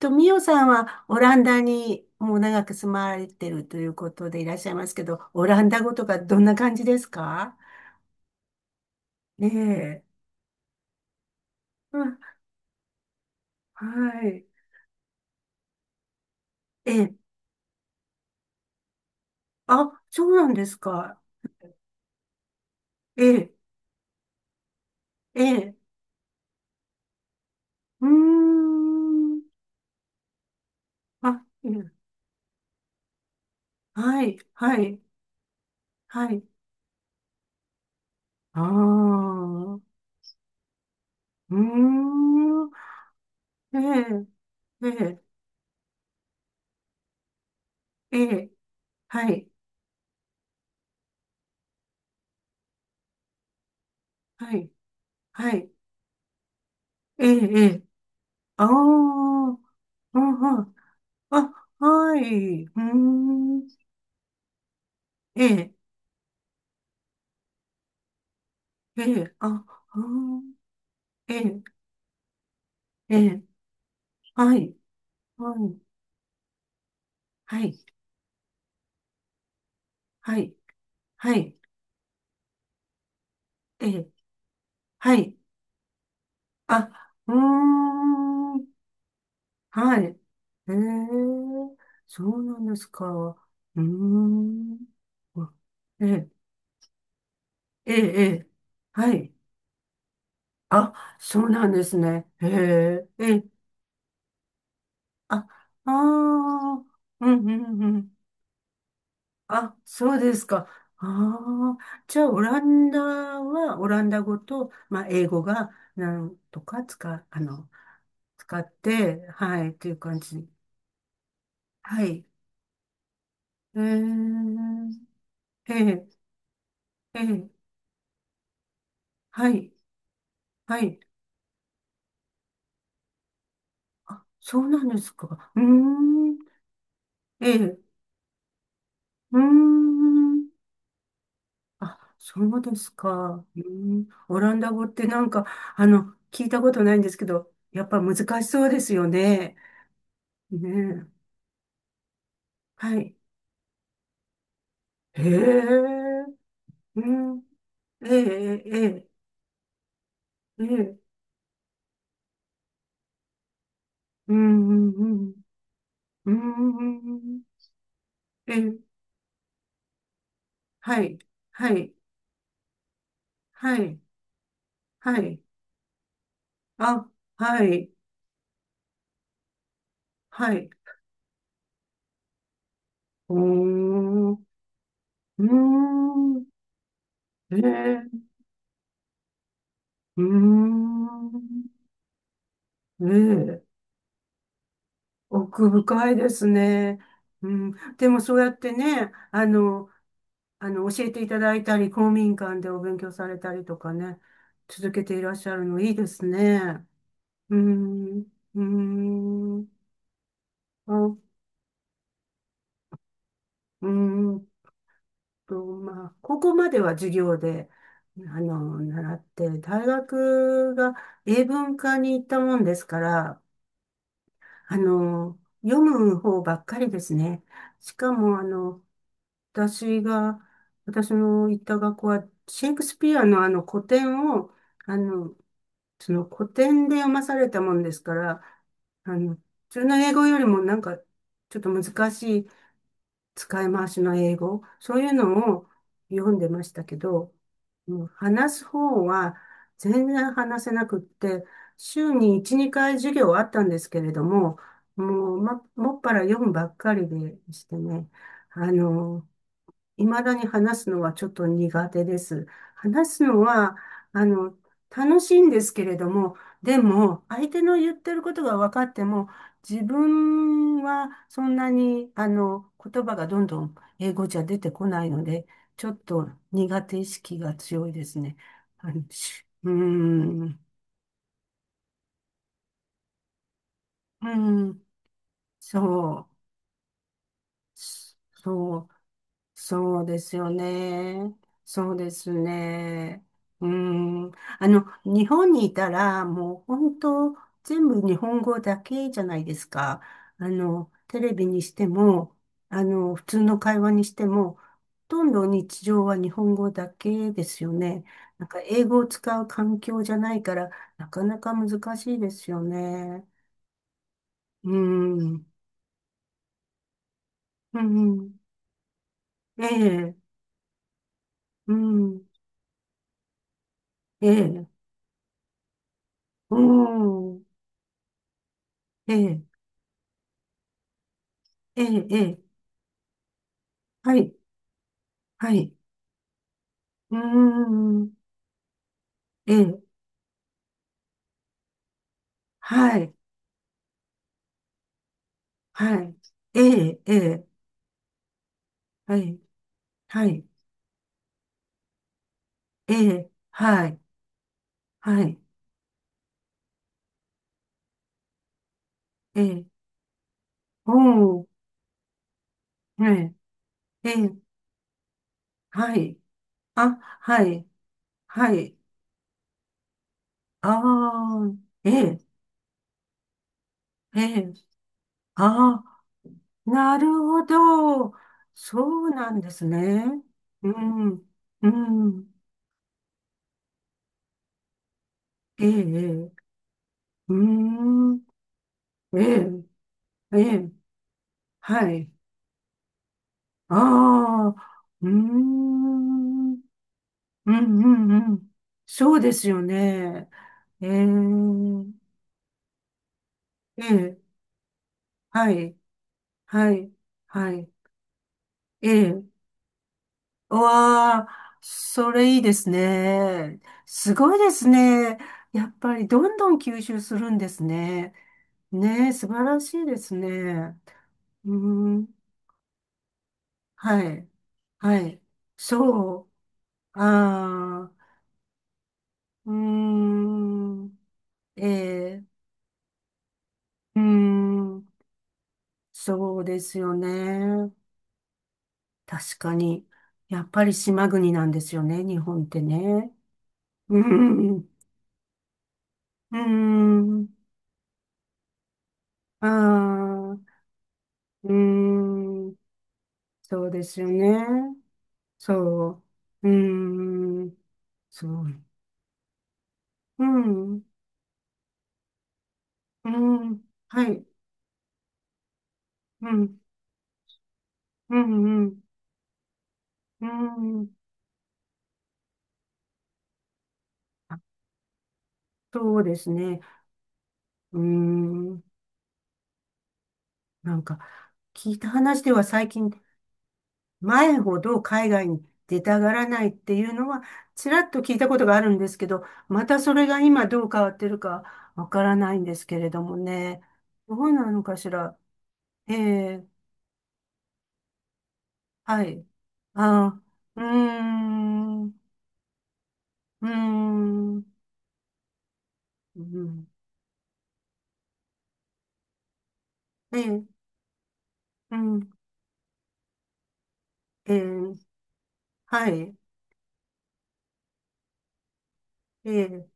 と、ミオさんはオランダにもう長く住まれてるということでいらっしゃいますけど、オランダ語とかどんな感じですか？ええ。うん、はい。ええ。あ、そうなんですか。ええ、ええ。うーん。あ、ええ、はい、はい、はい。ああ、うーん。ええ、ええ、ええ、はい、はい、はい。ええ、ええ。ああ、うんうん。あ、はい。うーん。ええ、ええ、あ、うーん、ええ、ええ、はい、はい、はい、はい、はい、ええ、はい、あ、はーん、はい、ええ、そうなんですか。うーん。あ、ええ、ええ、ええ、はい。あ、そうなんですね。ええ、ええ、あ、あ、あ、うん、うん、うん。あ、そうですか。あ、あ、じゃあ、オランダは、オランダ語と、まあ、英語が、なんとか使う、使って、はい、っていう感じ。はい。えー、ええ、ええ、はい、はい。あ、そうなんですか。うーん、ええ、うーん。あ、そうですか。うーん、オランダ語ってなんか、聞いたことないんですけど、やっぱ難しそうですよね。ねえ。はい。へえ、うん、ええ、ええ、ええ、うん、うん、うん、うん、ええ、はい、はい、はい、はい、あ、はい、はい、おー、うーん、ええ、うーん、ええ、奥深いですね。うん、でもそうやってね、教えていただいたり、公民館でお勉強されたりとかね、続けていらっしゃるのいいですね。うーん、うーん、あ、ーんまあ、高校までは授業で、習って、大学が英文科に行ったもんですから、読む方ばっかりですね。しかも、私が、私の行った学校は、シェイクスピアのあの古典を、あの、その古典で読まされたもんですから、普通の英語よりもなんか、ちょっと難しい、使い回しの英語、そういうのを読んでましたけど、もう話す方は全然話せなくって、週に1、2回授業はあったんですけれども、もう、ま、もっぱら読むばっかりでしてね、あの、未だに話すのはちょっと苦手です。話すのは、あの、楽しいんですけれども、でも、相手の言ってることが分かっても、自分はそんなに、言葉がどんどん英語じゃ出てこないので、ちょっと苦手意識が強いですね。あのしうーん、うーん、そう、そう。そうですよね。そうですね。うん。日本にいたら、もう本当、全部日本語だけじゃないですか。テレビにしても、普通の会話にしても、ほとんど日常は日本語だけですよね。なんか英語を使う環境じゃないから、なかなか難しいですよね。うん。うん。ええ。うん。ええ。うん。ええ。ええ、ええ、はい、はい、うーん、ええ、はい、はい、ええ、ええ、はい、はい、ええ、はい、はい、ええ、おー、ええ、ええ、はい、あ、はい、はい、あー、ええ、ええ、あー、なるほど、そうなんですね。うん、うん、ええ、ええ、うーん、ええ、ええ、はい。ああ、うーん、うん、うん、うん。そうですよね。ええ、ええ、はい、はい、はい、ええ。わあ、それいいですね。すごいですね。やっぱりどんどん吸収するんですね。ねえ、素晴らしいですね。うーん、はい、はい、そう、ああ、うーん、ええ。うーん、そうですよね。確かに。やっぱり島国なんですよね、日本ってね。うーん、うーん、ああ、うーん、そうですよね。そう、うーん、そう、うん、うん、はい、うん、うん、うん、うん、あ、そうですね。うーん、なんか、聞いた話では最近、前ほど海外に出たがらないっていうのは、ちらっと聞いたことがあるんですけど、またそれが今どう変わってるかわからないんですけれどもね。どうなのかしら。ええ、はい。ああ、うーん、うーん、うん、ええ、うん、ええ、はい、ええ、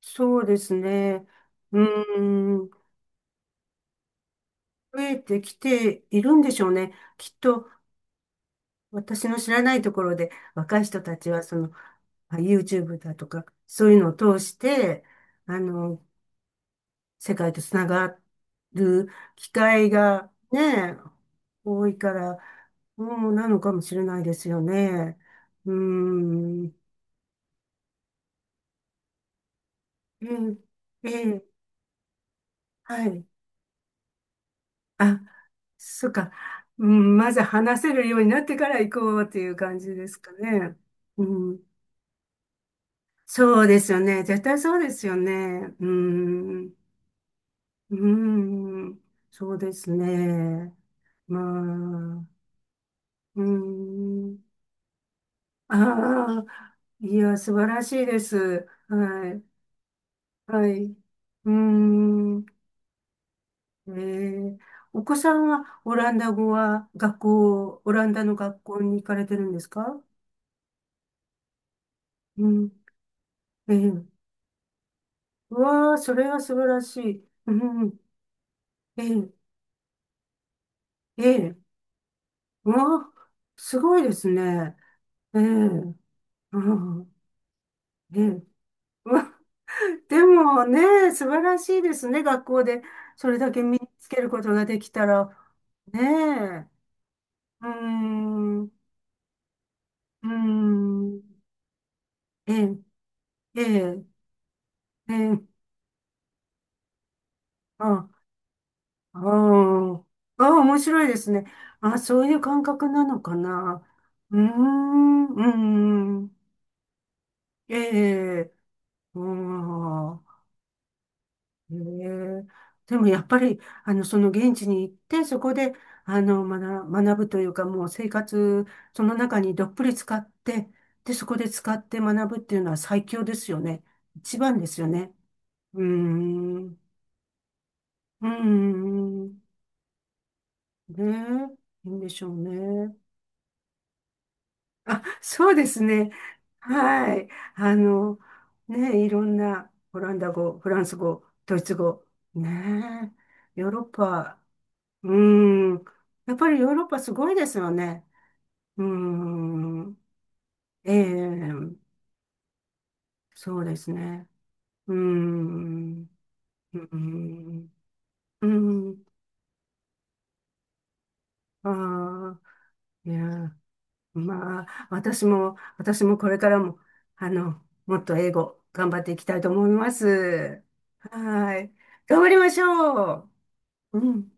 そうですね。うーん、増えてきているんでしょうね。きっと、私の知らないところで若い人たちはそのまあ YouTube だとかそういうのを通してあの世界とつながる機会がね多いから、うん、なのかもしれないですよね。うん。ええ、ええ、はい。あ、そっか。うん、まず話せるようになってから行こうっていう感じですかね。うん、そうですよね。絶対そうですよね。うん。うーん、そうですね。まあ、うーん。ああ、いや、素晴らしいです。はい、はい。うーん、えー、お子さんはオランダ語は学校、オランダの学校に行かれてるんですか？うん、えー、うわあ、それは素晴らしい。うん、えー、えー、うわあ、すごいですね。えー、うん、えー、うわ、でもね、素晴らしいですね。学校でそれだけ身につけることができたら。ねえ。うーん。うーん。ええ。ええ。ええ。あ、あー、あー、面白いですね。あ、そういう感覚なのかな。うーん。うーん。ええ。うーん。へえ、でもやっぱり、その現地に行って、そこで、学ぶというか、もう生活、その中にどっぷり使って、で、そこで使って学ぶっていうのは最強ですよね。一番ですよね。うーん。うーん。ねえ、いいんでしょうね。あ、そうですね。はい。あの、ねえ、いろんな、オランダ語、フランス語、ドイツ語、ねえ、ヨーロッパ、うーん。やっぱりヨーロッパすごいですよね。うーん。ええ、そうですね。うーん。うーん。うーん。ああ、いや、まあ、私もこれからも、もっと英語頑張っていきたいと思います。はい。頑張りましょう。うん。